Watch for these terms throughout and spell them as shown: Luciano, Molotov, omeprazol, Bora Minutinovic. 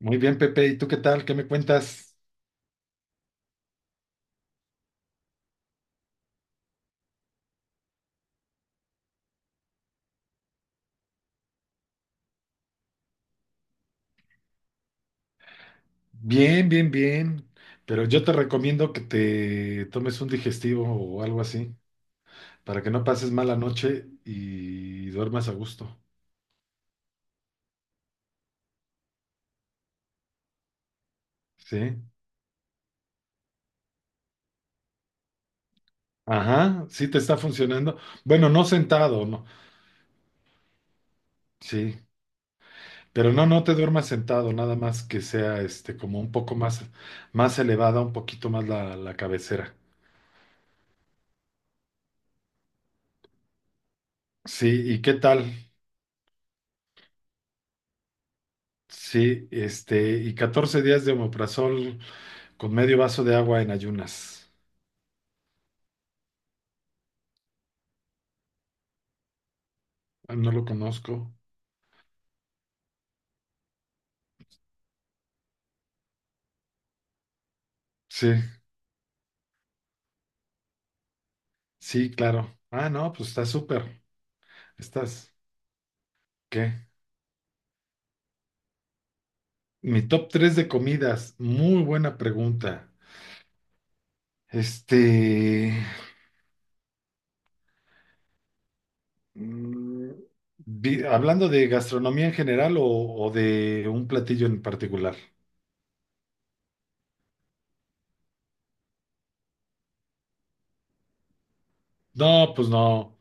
Muy bien, Pepe. ¿Y tú qué tal? ¿Qué me cuentas? Bien, bien, bien. Pero yo te recomiendo que te tomes un digestivo o algo así para que no pases mala noche y duermas a gusto. ¿Sí? Ajá, sí te está funcionando. Bueno, no sentado, no. Sí. Pero no, no te duermas sentado, nada más que sea este como un poco más elevada, un poquito más la cabecera. Sí, ¿y qué tal? Sí, este, y 14 días de omeprazol. Con medio vaso de agua en ayunas. Ah, no lo conozco. Sí, sí, claro. Ah, no, pues está súper. Estás. ¿Qué? Mi top 3 de comidas. Muy buena pregunta. Este. mm, Hablando de gastronomía en general o de un platillo en particular. No, pues no.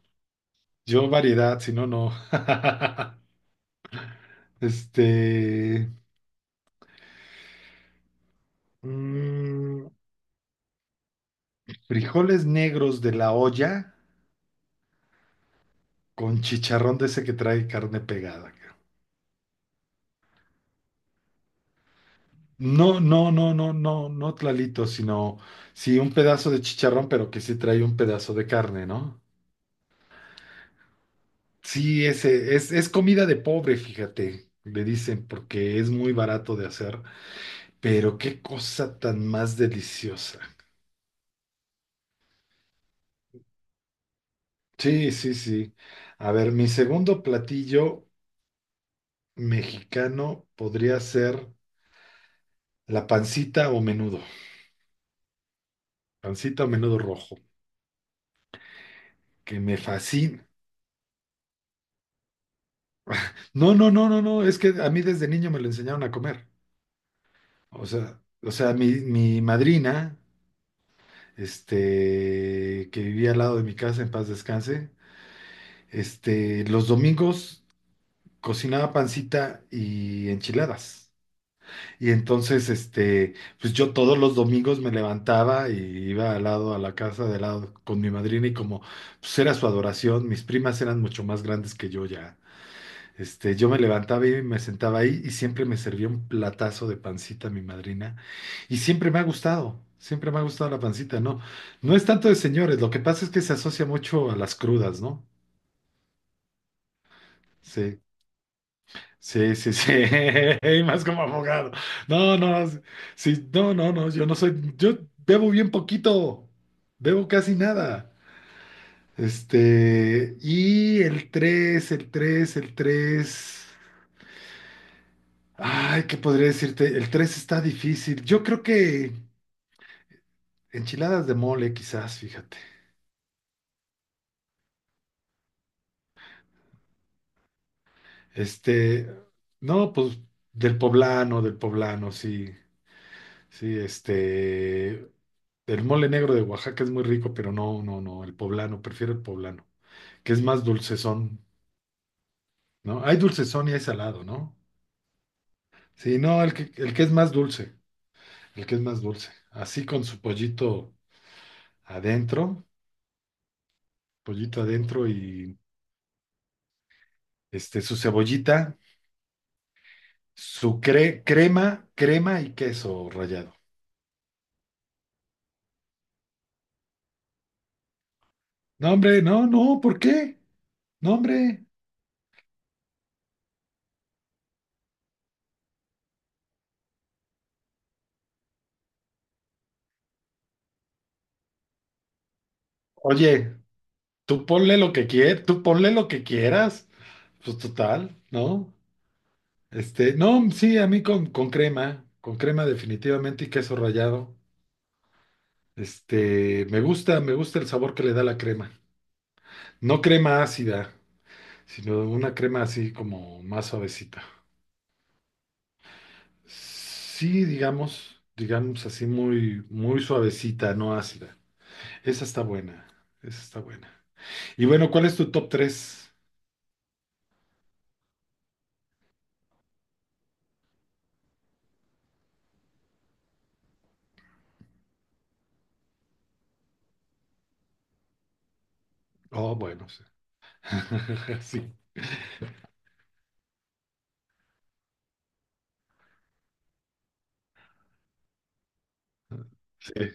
Yo variedad, si no, no. Este. mm, Frijoles negros de la olla con chicharrón de ese que trae carne pegada, creo. No, no, no, no, no, no tlalito, sino sí un pedazo de chicharrón, pero que sí trae un pedazo de carne, ¿no? Sí, ese es comida de pobre, fíjate, le dicen, porque es muy barato de hacer, pero qué cosa tan más deliciosa. Sí, sí, sí. A ver, mi segundo platillo mexicano podría ser la pancita o menudo rojo, que me fascina. No, no, no, no, no, es que a mí desde niño me lo enseñaron a comer. O sea, mi madrina, este, que vivía al lado de mi casa, en paz descanse, este, los domingos cocinaba pancita y enchiladas. Y entonces, este, pues yo todos los domingos me levantaba y iba al lado a la casa de lado con mi madrina y como pues era su adoración, mis primas eran mucho más grandes que yo ya. Este, yo me levantaba y me sentaba ahí y siempre me servía un platazo de pancita mi madrina. Y siempre me ha gustado, siempre me ha gustado la pancita, ¿no? No es tanto de señores, lo que pasa es que se asocia mucho a las crudas, ¿no? Sí, sí, sí, sí, y más como abogado. No, no, sí, no, no, no, yo no soy, yo bebo bien poquito, bebo casi nada. Este, y el tres ay, ¿qué podría decirte? El 3 está difícil. Yo creo que enchiladas de mole, quizás, fíjate. Este, no, pues del poblano, sí. Sí, este, el mole negro de Oaxaca es muy rico, pero no, no, no, el poblano, prefiero el poblano, que es más dulcezón, ¿no? Hay dulcezón y hay salado, ¿no? Sí, no, el que es más dulce, el que es más dulce. Así con su adentro, pollito adentro y este, su cebollita. Su crema y queso rallado. No, hombre, no, no, ¿por qué? No, hombre. Oye, tú ponle lo que quieras, tú ponle lo que quieras. Pues total, ¿no? Este, no, sí, a mí con crema, con crema definitivamente y queso rallado. Este, me gusta el sabor que le da la crema. No crema ácida, sino una crema así como más suavecita. Sí, digamos así muy, muy suavecita, no ácida. Esa está buena, esa está buena. Y bueno, ¿cuál es tu top tres? Oh, bueno, sí. Sí, sí,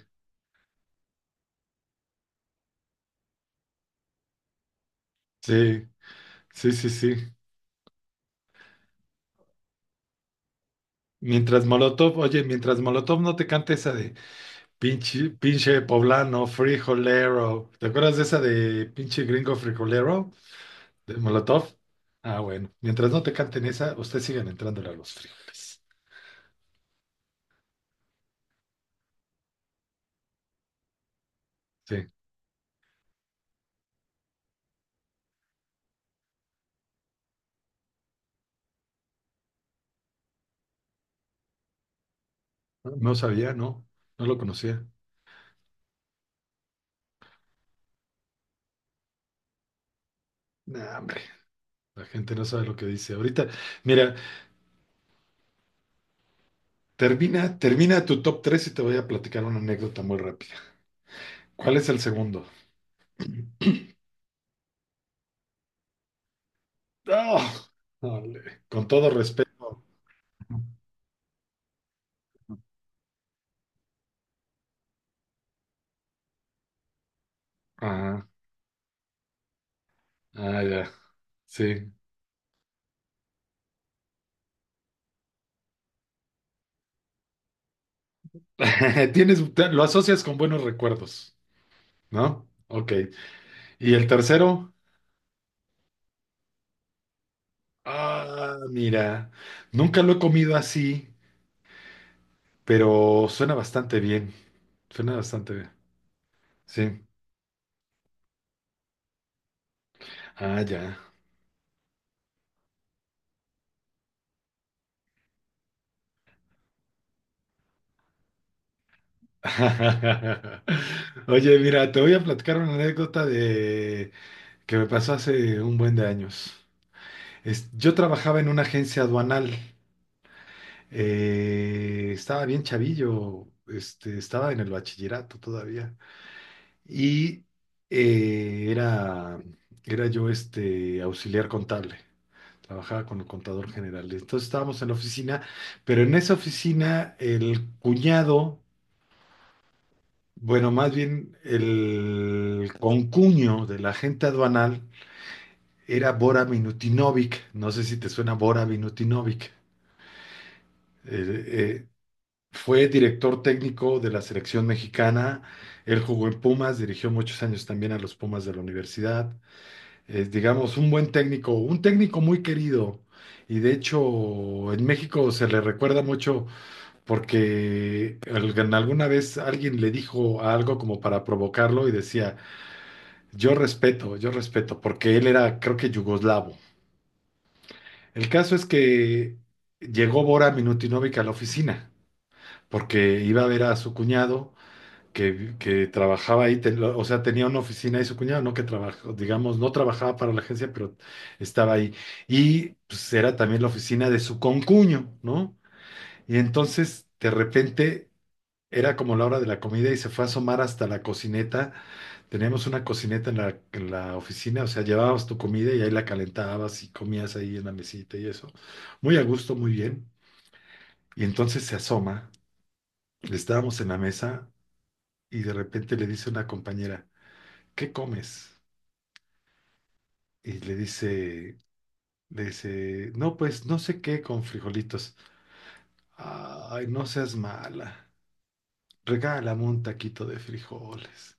sí, sí, sí, sí. Mientras Molotov, oye, mientras Molotov no te cante esa de pinche, pinche poblano, frijolero. ¿Te acuerdas de esa de pinche gringo frijolero de Molotov? Ah, bueno, mientras no te canten esa, ustedes sigan entrándole a los frijoles. Sí, no sabía, no, no lo conocía. Nah, hombre, la gente no sabe lo que dice. Ahorita, mira, termina tu top 3 y te voy a platicar una anécdota muy rápida. ¿Cuál es el segundo? ¡Ah! Ole, con todo respeto. Ajá. Ah, ya. Sí. Lo asocias con buenos recuerdos, ¿no? Ok. ¿Y el tercero? Ah, mira. Nunca lo he comido así, pero suena bastante bien. Suena bastante bien. Sí. Ah, ya. Oye, mira, te voy a platicar una anécdota de, que me pasó hace un buen de años. Yo trabajaba en una agencia aduanal. Estaba bien chavillo, este, estaba en el bachillerato todavía. Y eh, era, era yo este, auxiliar contable. Trabajaba con el contador general. Entonces estábamos en la oficina, pero en esa oficina el cuñado, bueno, más bien el concuño de la agente aduanal, era Bora Minutinovic, no sé si te suena Bora Minutinovic. Eh, eh, Fue director técnico de la selección mexicana, él jugó en Pumas, dirigió muchos años también a los Pumas de la universidad. Es, digamos, un buen técnico, un técnico muy querido. Y de hecho, en México se le recuerda mucho porque alguna vez alguien le dijo algo como para provocarlo y decía, yo respeto, porque él era, creo que yugoslavo. El caso es que llegó Bora Minutinovic a la oficina, porque iba a ver a su cuñado que trabajaba ahí, o sea, tenía una oficina y su cuñado no que trabajó, digamos, no trabajaba para la agencia, pero estaba ahí. Y pues era también la oficina de su concuño, ¿no? Y entonces, de repente, era como la hora de la comida y se fue a asomar hasta la cocineta. Teníamos una cocineta en la oficina, o sea, llevabas tu comida y ahí la calentabas y comías ahí en la mesita y eso. Muy a gusto, muy bien. Y entonces se asoma, estábamos en la mesa y de repente le dice una compañera, ¿qué comes? Y le dice, no, pues no sé qué con frijolitos. Ay, no seas mala. Regálame un taquito de frijoles.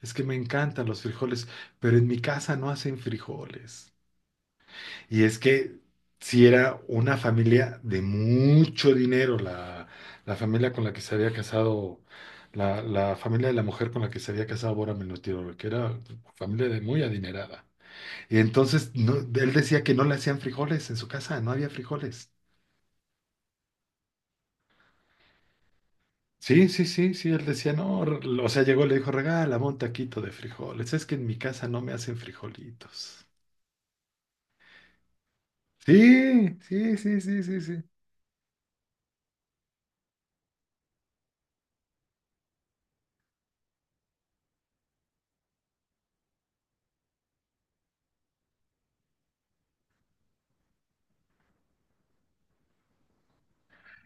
Es que me encantan los frijoles, pero en mi casa no hacen frijoles. Y es que si era una familia de mucho dinero, la familia con la que se había casado, la familia de la mujer con la que se había casado Bora Menotirol, que era familia de muy adinerada. Y entonces él decía que no le hacían frijoles en su casa, no había frijoles. Sí, sí, sí, sí, él decía, no, o sea, llegó y le dijo, regálame un taquito de frijoles, es que en mi casa no me hacen frijolitos. Sí, sí, sí, sí, sí, sí.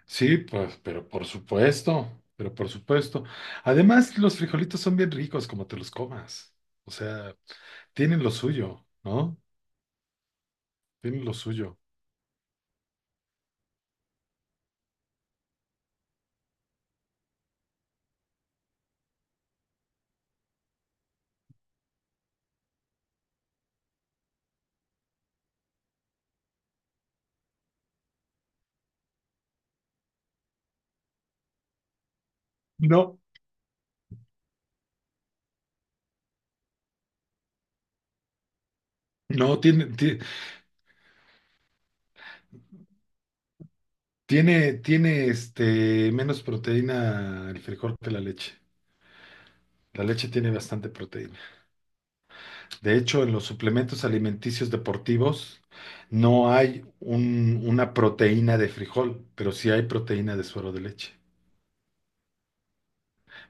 Sí, pues, pero por supuesto, pero por supuesto. Además, los frijolitos son bien ricos como te los comas. O sea, tienen lo suyo, ¿no? Tienen lo suyo. No. No, tiene este, menos proteína el frijol que la leche. La leche tiene bastante proteína. De hecho, en los suplementos alimenticios deportivos no hay una proteína de frijol, pero sí hay proteína de suero de leche.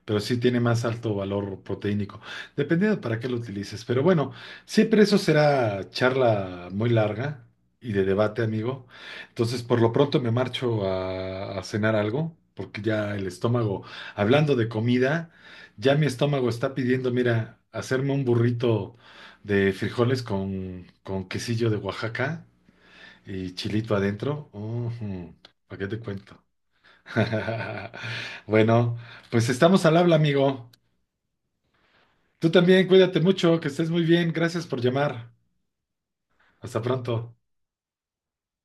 Pero sí tiene más alto valor proteínico, dependiendo para qué lo utilices. Pero bueno, siempre eso será charla muy larga y de debate, amigo. Entonces, por lo pronto me marcho a cenar algo, porque ya el estómago, hablando de comida, ya mi estómago está pidiendo, mira, hacerme un burrito de frijoles con quesillo de Oaxaca y chilito adentro. Ujú, ¿para qué te cuento? Bueno, pues estamos al habla, amigo. Tú también, cuídate mucho, que estés muy bien. Gracias por llamar. Hasta pronto.